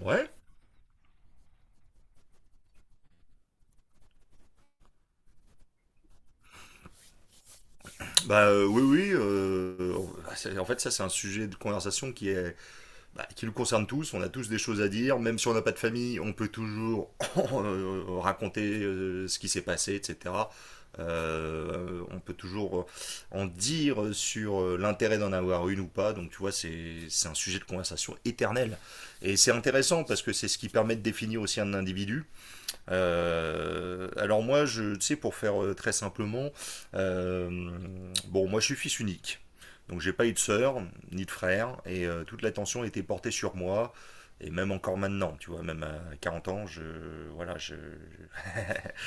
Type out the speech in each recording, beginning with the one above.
Ouais, bah oui, oui. En fait, ça, c'est un sujet de conversation qui est, bah, qui nous concerne tous. On a tous des choses à dire, même si on n'a pas de famille, on peut toujours raconter ce qui s'est passé, etc. On peut toujours en dire sur l'intérêt d'en avoir une ou pas. Donc, tu vois, c'est un sujet de conversation éternel. Et c'est intéressant parce que c'est ce qui permet de définir aussi un individu. Alors moi, je, tu sais, pour faire très simplement, euh, bon, moi je suis fils unique, donc j'ai pas eu de sœur ni de frère, et toute l'attention était portée sur moi, et même encore maintenant, tu vois, même à 40 ans, voilà,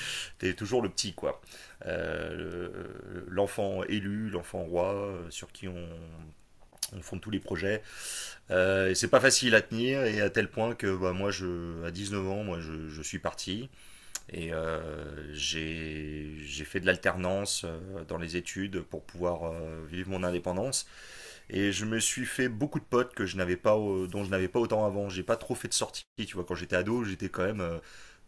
t'es toujours le petit, quoi. L'enfant élu, l'enfant roi, sur qui on fonde tous les projets. Et c'est pas facile à tenir, et à tel point que bah, à 19 ans, moi je, suis parti. Et j'ai fait de l'alternance dans les études pour pouvoir vivre mon indépendance. Et je me suis fait beaucoup de potes que je n'avais pas, dont je n'avais pas autant avant. J'ai pas trop fait de sorties. Tu vois, quand j'étais ado, j'étais quand même,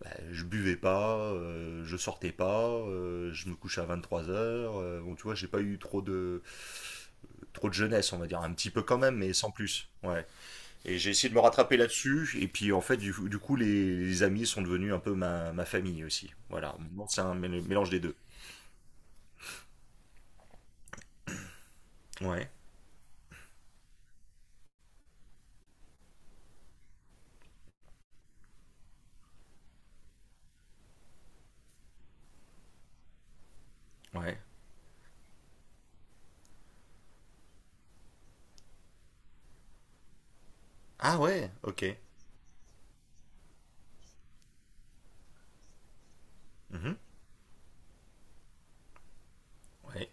bah, je buvais pas, je sortais pas, je me couchais à 23h. Bon, tu vois, j'ai pas eu trop de jeunesse, on va dire, un petit peu quand même, mais sans plus. Ouais. Et j'ai essayé de me rattraper là-dessus. Et puis en fait, du coup, les amis sont devenus un peu ma famille aussi. Voilà, maintenant c'est un mélange des deux. Ouais, ouais. Ah ouais, ok. Mhm. Ouais,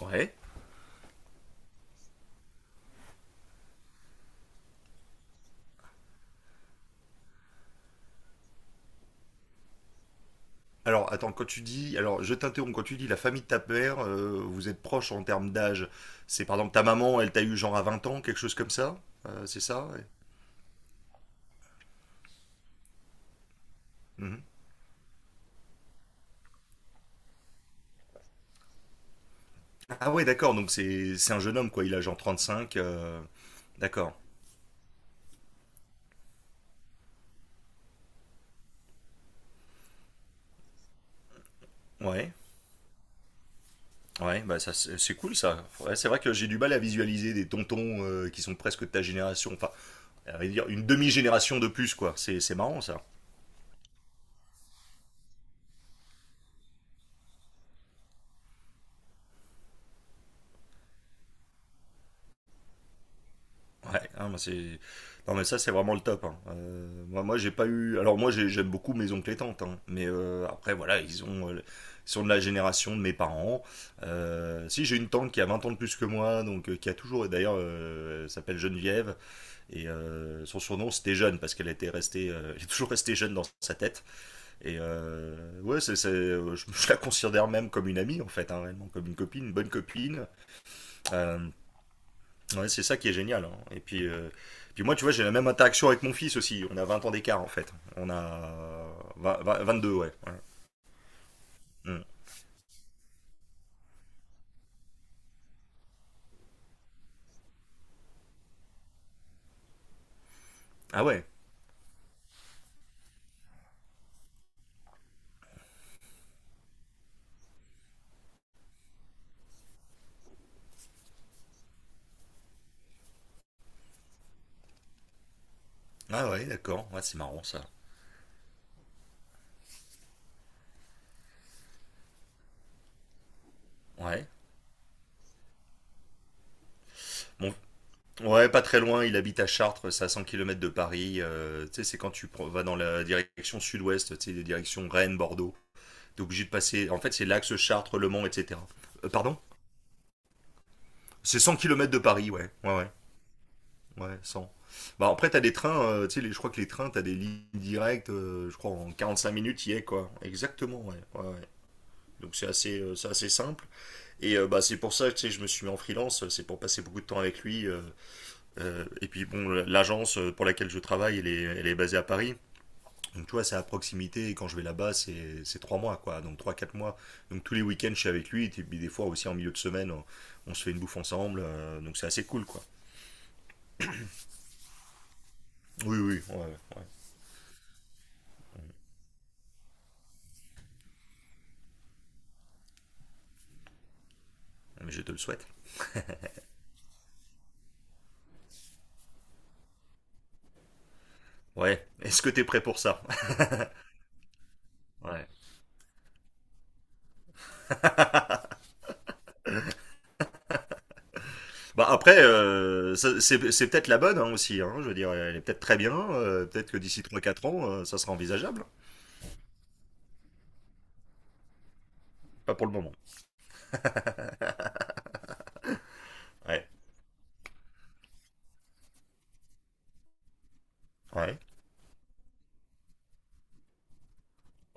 ouais. Alors attends, quand tu dis, alors je t'interromps, quand tu dis la famille de ta mère, vous êtes proches en termes d'âge. C'est par exemple ta maman, elle t'a eu genre à 20 ans, quelque chose comme ça. C'est ça ouais. Mhm. Ah ouais, d'accord, donc c'est un jeune homme quoi, il a genre 35. D'accord, ouais. Ouais, bah ça c'est cool ça. Ouais, c'est vrai que j'ai du mal à visualiser des tontons qui sont presque de ta génération, enfin, à vrai dire une demi-génération de plus quoi. C'est marrant ça. Ouais, hein, moi, c'est non mais ça c'est vraiment le top, hein. Moi, j'ai pas eu, alors j'aime beaucoup mes oncles et tantes, hein. Mais après voilà ils sont de la génération de mes parents. Si j'ai une tante qui a 20 ans de plus que moi, donc qui a toujours, d'ailleurs elle s'appelle Geneviève et son surnom c'était Jeune parce qu'elle était restée, elle est toujours restée jeune dans sa tête. Et ouais, je la considère même comme une amie en fait, hein, réellement, comme une copine, une bonne copine. Euh, ouais, c'est ça qui est génial, hein. Et puis moi, tu vois, j'ai la même interaction avec mon fils aussi. On a 20 ans d'écart en fait. On a deux ouais. Ouais. Mm. Ah ouais. Ah ouais, d'accord. Ouais, c'est marrant ça. Ouais. Bon, ouais, pas très loin. Il habite à Chartres, c'est à 100 km de Paris. Tu sais, c'est quand tu vas dans la direction sud-ouest, tu sais, direction Rennes, Bordeaux. T'es obligé de passer. En fait, c'est l'axe Chartres, Le Mans, etc. Pardon? C'est 100 km de Paris, ouais. Ouais, ouais. Ouais, 100. Bah, après, t'as des trains, tu sais, je crois que les trains, t'as des lignes directes, je crois, en 45 minutes, y est, quoi. Exactement, ouais. Ouais, ouais. Donc, c'est assez simple. Et bah, c'est pour ça que, tu sais, je me suis mis en freelance, c'est pour passer beaucoup de temps avec lui. Et puis, bon, l'agence pour laquelle je travaille, elle est basée à Paris. Donc, tu vois, c'est à proximité, et quand je vais là-bas, c'est 3 mois, quoi. Donc, 3, 4 mois. Donc, tous les week-ends, je suis avec lui, et puis des fois aussi en milieu de semaine, on se fait une bouffe ensemble. Donc, c'est assez cool, quoi. Oui, oui, ouais, ouais. Mais je te le souhaite. Ouais. Est-ce que t'es prêt pour ça? Ouais. Bah après, c'est peut-être la bonne hein, aussi, hein, je veux dire, elle est peut-être très bien. Peut-être que d'ici trois quatre ans, ça sera envisageable. Pas pour le moment. Ouais. Ouais.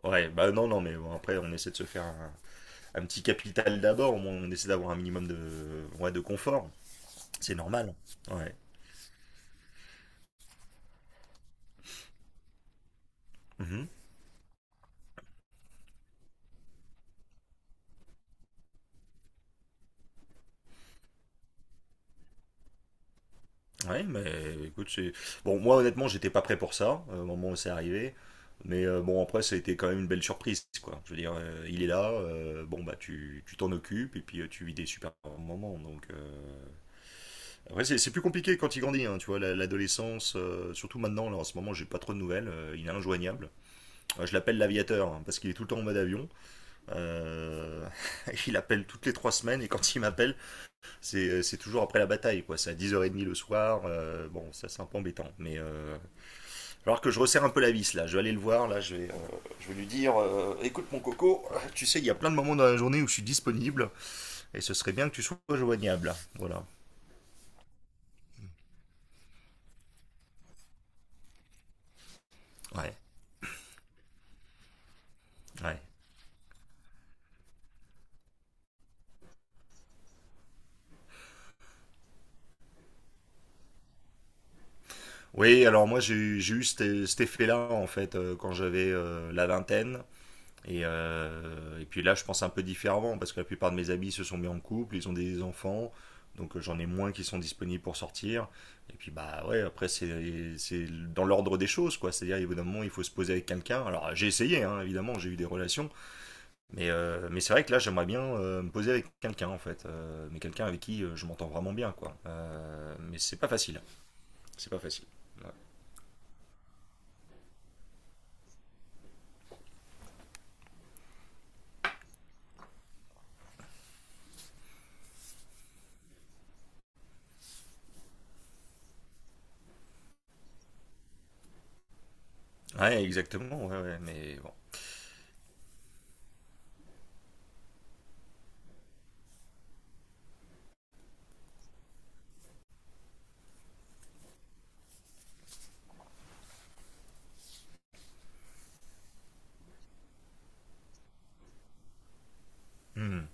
Ouais, bah non, non, mais bon, après, on essaie de se faire un petit capital d'abord. Au moins, on essaie d'avoir un minimum de, ouais, de confort. C'est normal. Ouais. Mhm. Ouais, mais écoute, Bon, moi honnêtement, j'étais pas prêt pour ça, au moment où c'est arrivé. Mais bon, après, ça a été quand même une belle surprise, quoi. Je veux dire, il est là, bon, bah, tu t'en occupes, et puis tu vis des super moments, donc... Après, c'est plus compliqué quand il grandit, hein, tu vois, l'adolescence, surtout maintenant, là, en ce moment, j'ai pas trop de nouvelles, il est injoignable. Je l'appelle l'aviateur, hein, parce qu'il est tout le temps en mode avion. Euh, Il appelle toutes les 3 semaines, et quand il m'appelle, c'est toujours après la bataille, quoi. C'est à 10h30 le soir. Bon, ça, c'est un peu embêtant. Mais alors que je resserre un peu la vis, là. Je vais aller le voir, là. Je vais lui dire Écoute, mon coco, tu sais, il y a plein de moments dans la journée où je suis disponible et ce serait bien que tu sois joignable. Voilà. Ouais, ouais. Oui, alors moi, j'ai eu cet effet-là, en fait, quand j'avais la vingtaine. Et puis là, je pense un peu différemment parce que la plupart de mes amis se sont mis en couple, ils ont des enfants, donc j'en ai moins qui sont disponibles pour sortir. Et puis bah ouais, après c'est dans l'ordre des choses quoi. C'est-à-dire évidemment il faut se poser avec quelqu'un. Alors j'ai essayé hein, évidemment, j'ai eu des relations, mais c'est vrai que là j'aimerais bien me poser avec quelqu'un en fait. Mais quelqu'un avec qui je m'entends vraiment bien quoi. Mais c'est pas facile, c'est pas facile. Ouais. Ouais, exactement, ouais ouais, mais bon. Hmm.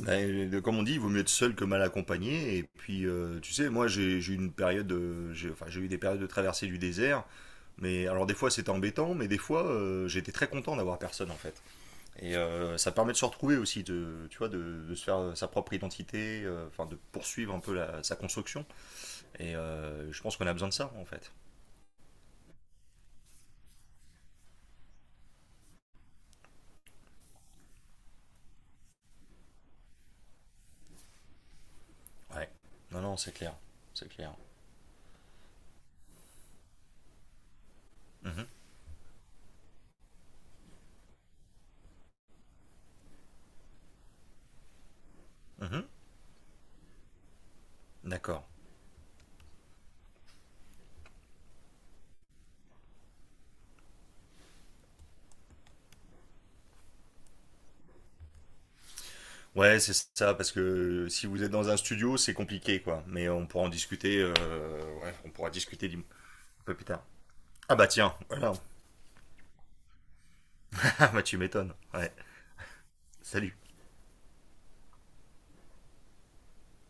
Ben, comme on dit, il vaut mieux être seul que mal accompagné. Et puis, tu sais, moi, j'ai eu une période, de- j'ai enfin, j'ai eu des périodes de traversée du désert. Mais alors, des fois, c'était embêtant, mais des fois, j'étais très content d'avoir personne, en fait. Et ça permet de se retrouver aussi, tu vois, de se faire sa propre identité, enfin, de poursuivre un peu sa construction. Et je pense qu'on a besoin de ça, en fait. Ouais. Non, non, c'est clair. C'est clair. Mhm. Mhm. D'accord. Ouais, c'est ça, parce que si vous êtes dans un studio, c'est compliqué, quoi. Mais on pourra en discuter, ouais, on pourra discuter un peu plus tard. Ah bah tiens, voilà. Ah bah tu m'étonnes. Ouais, salut.